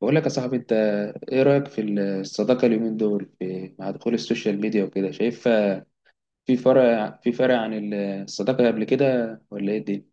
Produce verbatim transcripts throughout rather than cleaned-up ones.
بقول لك يا صاحبي، انت ايه رأيك في الصداقة اليومين دول في مع دخول السوشيال ميديا وكده؟ شايف في فرق في فرق عن الصداقة قبل كده، ولا ايه الدنيا؟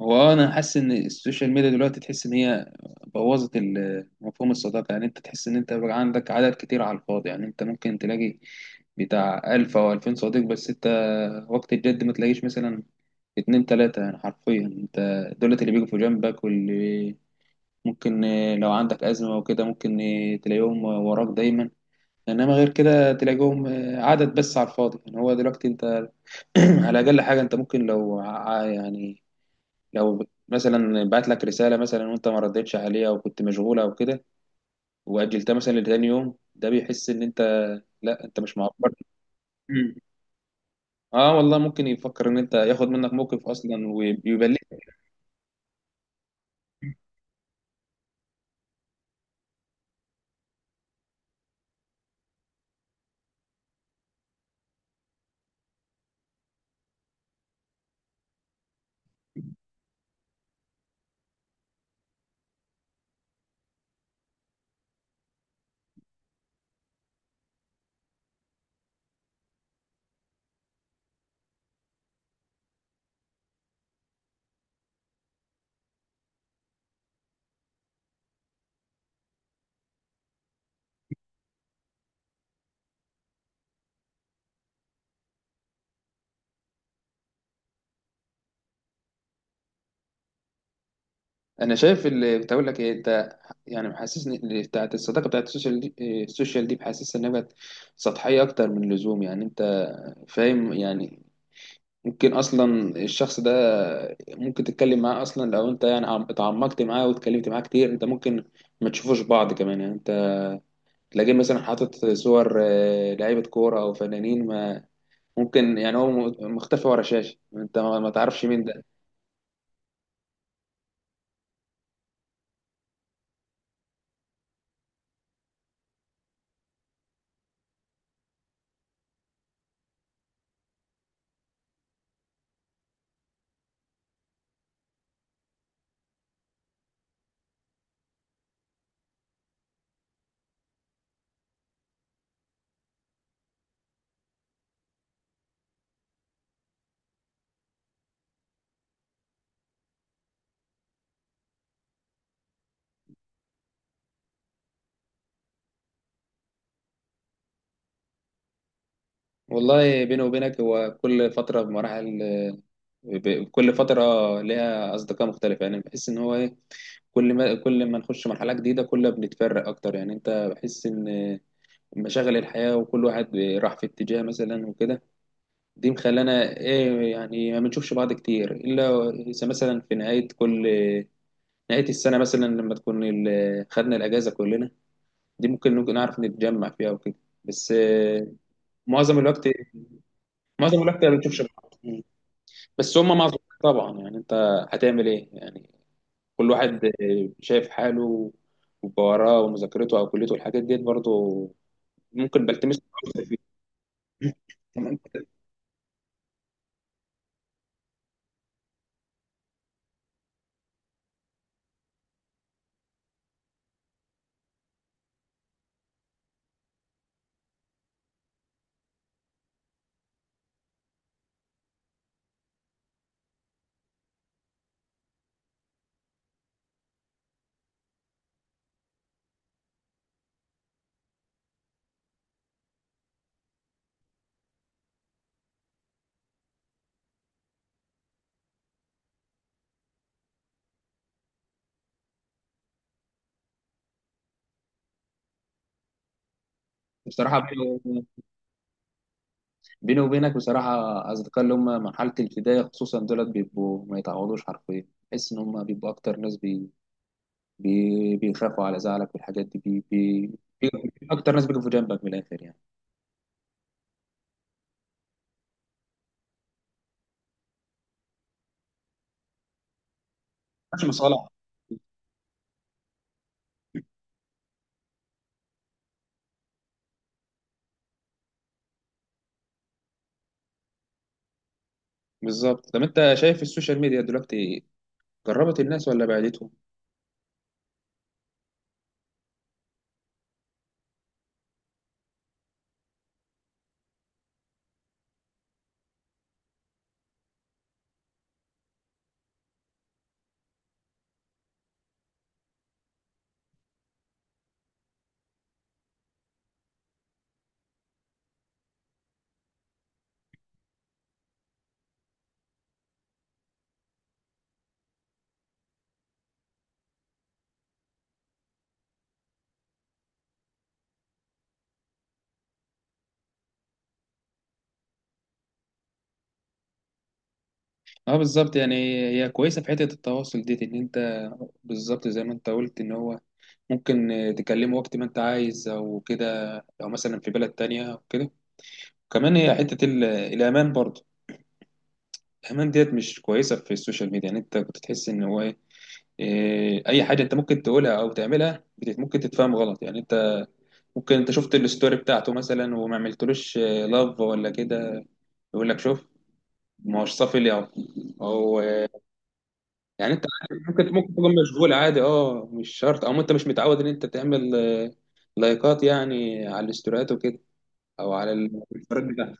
هو اه انا حاسس ان السوشيال ميديا دلوقتي تحس ان هي بوظت ال- مفهوم الصداقة. يعني انت تحس ان انت بقى عندك عدد كتير على الفاضي. يعني انت ممكن تلاقي بتاع ألف او ألفين صديق، بس انت وقت الجد ما تلاقيش مثلا اتنين تلاتة. يعني حرفيا انت، دولت اللي بيجوا في جنبك، واللي ممكن آه، لو عندك أزمة وكده، ممكن آه، تلاقيهم وراك دايما. إنما غير كده تلاقيهم آه، عدد بس على الفاضي. يعني هو دلوقتي أنت على أقل حاجة، أنت ممكن لو ع- يعني لو مثلا بعت لك رسالة مثلا وأنت ما ردتش عليها، أو كنت مشغولة أو كده، وأجلتها مثلا لتاني يوم، ده بيحس إن أنت، لا أنت مش معبر. مم. اه والله ممكن يفكر ان انت ياخد منك موقف اصلا ويبلغ. انا شايف اللي بتقول لك ايه انت. يعني محسسني اللي بتاعت الصداقة بتاعت السوشيال دي، إيه، السوشيال دي بحسسها إنها بقت سطحية أكتر من اللزوم. يعني أنت فاهم. يعني ممكن أصلا الشخص ده، ممكن تتكلم معاه أصلا لو أنت يعني عم- اتعمقت معاه واتكلمت معاه كتير، أنت ممكن ما تشوفوش بعض كمان. يعني أنت تلاقيه مثلا حاطط صور آه، لعيبة كورة أو فنانين، ما ممكن يعني هو م- مختفي ورا شاشة، أنت ما ما تعرفش مين ده. والله بيني وبينك، هو كل فترة بمراحل، آه، ب- كل فترة ليها أصدقاء مختلفة. يعني بحس إن هو إيه، كل ما كل ما نخش مرحلة جديدة، كل ما بنتفرق أكتر. يعني أنت بحس إن مشاغل الحياة، وكل واحد راح في اتجاه مثلا وكده، دي مخلانا إيه. يعني ما بنشوفش بعض كتير، إلا إذا مثلا في نهاية كل نهاية السنة مثلا، لما تكون ال- خدنا الأجازة كلنا، دي ممكن نكون نعرف نتجمع فيها وكده. بس آه، معظم الوقت، معظم الوقت ما بنشوفش بعض، بس هما معظم طبعا. يعني أنت هتعمل إيه؟ يعني كل واحد آه، شايف حاله، وبقى وراه ومذاكرته او كليته والحاجات ديت برضه، ممكن بلتمس أكتر فيه. تمام. بصراحه بيني بيني وبينك بصراحه، اصدقاء اللي هم مرحله الابتدائي خصوصا دولت، بيبقوا ما يتعوضوش حرفيا. تحس ان هم بيبقوا اكتر ناس، بي... بي... بيخافوا على زعلك والحاجات دي، بي... بي... بي... اكتر ناس بيقفوا جنبك من الاخر، يعني مش مصالح. بالظبط. طب انت شايف السوشيال ميديا دلوقتي قربت الناس ولا بعدتهم؟ اه بالظبط. يعني هي كويسه في حته التواصل ديت، ان انت بالظبط زي ما انت قلت، ان هو ممكن آه، تكلمه وقت ما انت عايز او كده، او مثلا في بلد تانية او كده. كمان هي حته ال- الامان برضه، الامان ديت مش كويسه في السوشيال ميديا. يعني انت كنت تحس ان هو ايه، آه، اي حاجه انت ممكن تقولها او تعملها بت- ممكن تتفهم غلط. يعني انت، ممكن انت شفت الستوري بتاعته مثلا وما عملتلوش لاف ولا كده، يقول لك شوف، ما هوش صافي لي، او يعني انت عادي، ممكن ممكن تكون مشغول عادي، اه مش شرط، او انت مش متعود ان انت تعمل آه، لايكات، يعني على الاستوريات وكده، او على الفرق ده.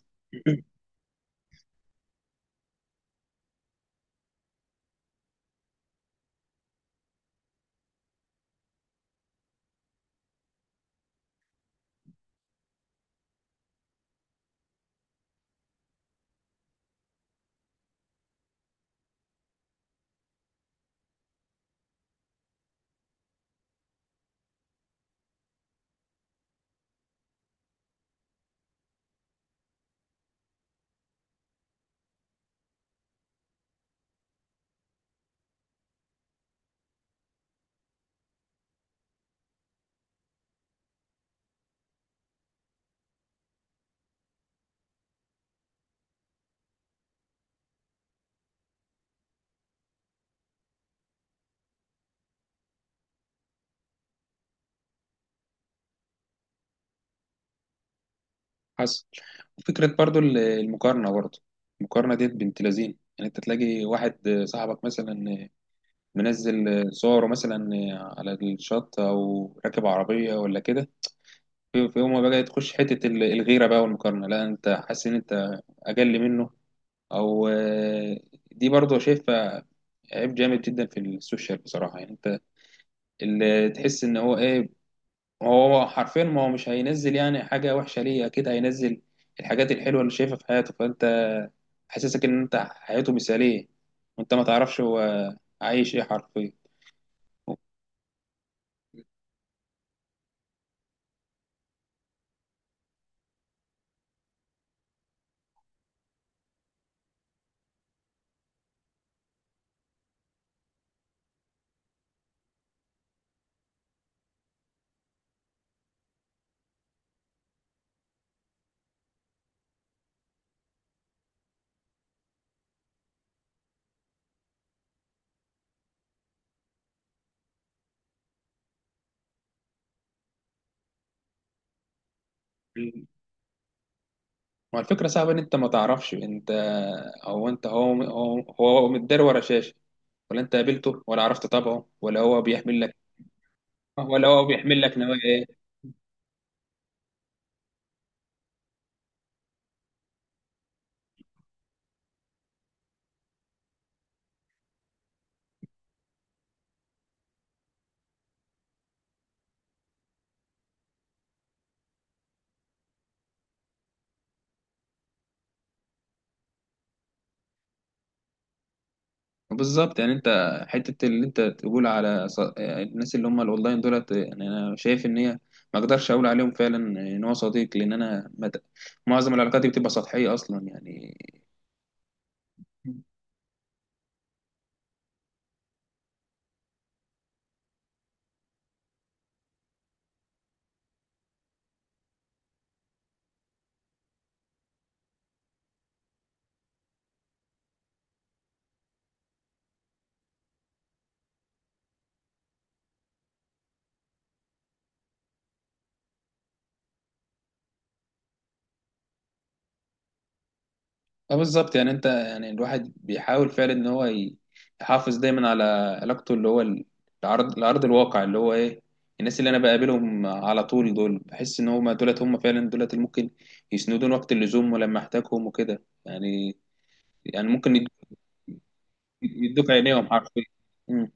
حصل فكرة برضو ال- المقارنة برضو، المقارنة ديت بنت لذين. يعني انت تلاقي واحد آه، صاحبك مثلا آه، منزل آه، صوره مثلا آه، على الشط او راكب عربية ولا كده، في في يوم ما بقى تخش حتة ال- الغيرة بقى والمقارنة، لا انت حاسس ان انت اقل منه، او آه، دي برضو شايفها عيب جامد جدا في السوشيال بصراحة. يعني انت اللي تحس ان هو ايه، هو حرفيا، ما هو مش هينزل يعني حاجة وحشة ليه، اكيد هينزل الحاجات الحلوة اللي شايفها في حياته. فانت حاسسك ان انت حياته مثالية، وانت ما تعرفش هو عايش ايه حرفيا. ما الفكرة صعبة ان انت ما تعرفش انت، هو انت هو هو هو متدار ورا شاشة، ولا انت قابلته، ولا عرفت طبعه، ولا هو بيحمل لك ولا هو بيحمل لك نوايا ايه. بالظبط. يعني انت حته اللي انت تقول على ص- الناس اللي هم الاونلاين دولت، يعني انا شايف ان هي ما اقدرش اقول عليهم فعلا ان هو صديق، لان انا ما ت- معظم العلاقات دي بتبقى سطحيه اصلا. يعني اه بالظبط. يعني انت، يعني الواحد بيحاول فعلا ان هو ي- يحافظ دايما على علاقته اللي هو ال- العرض، العرض الواقع اللي هو ايه، الناس اللي انا بقابلهم على طول، دول بحس ان هم دولت هم فعلا دولت اللي ممكن يسندون وقت اللزوم ولما احتاجهم وكده. يعني يعني ممكن يدوك عينيهم حرفيا. مم.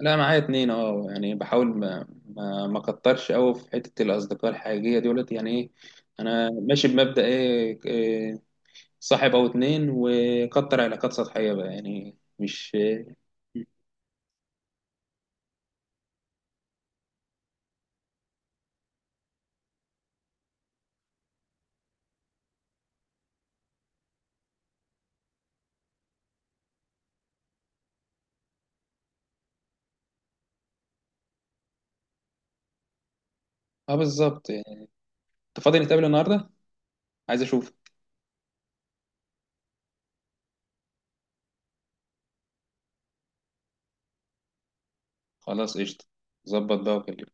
لا معايا اتنين. اه يعني بحاول ما ما ما اكترش قوي في حته الاصدقاء الحقيقيه دولت. يعني ايه، انا ماشي بمبدأ ايه, إيه، صاحب او اتنين، وكتر علاقات سطحيه بقى، يعني مش اه بالظبط. يعني انت فاضي نتقابل النهارده؟ عايز اشوف. خلاص قشطه، ظبط بقى وكلمني.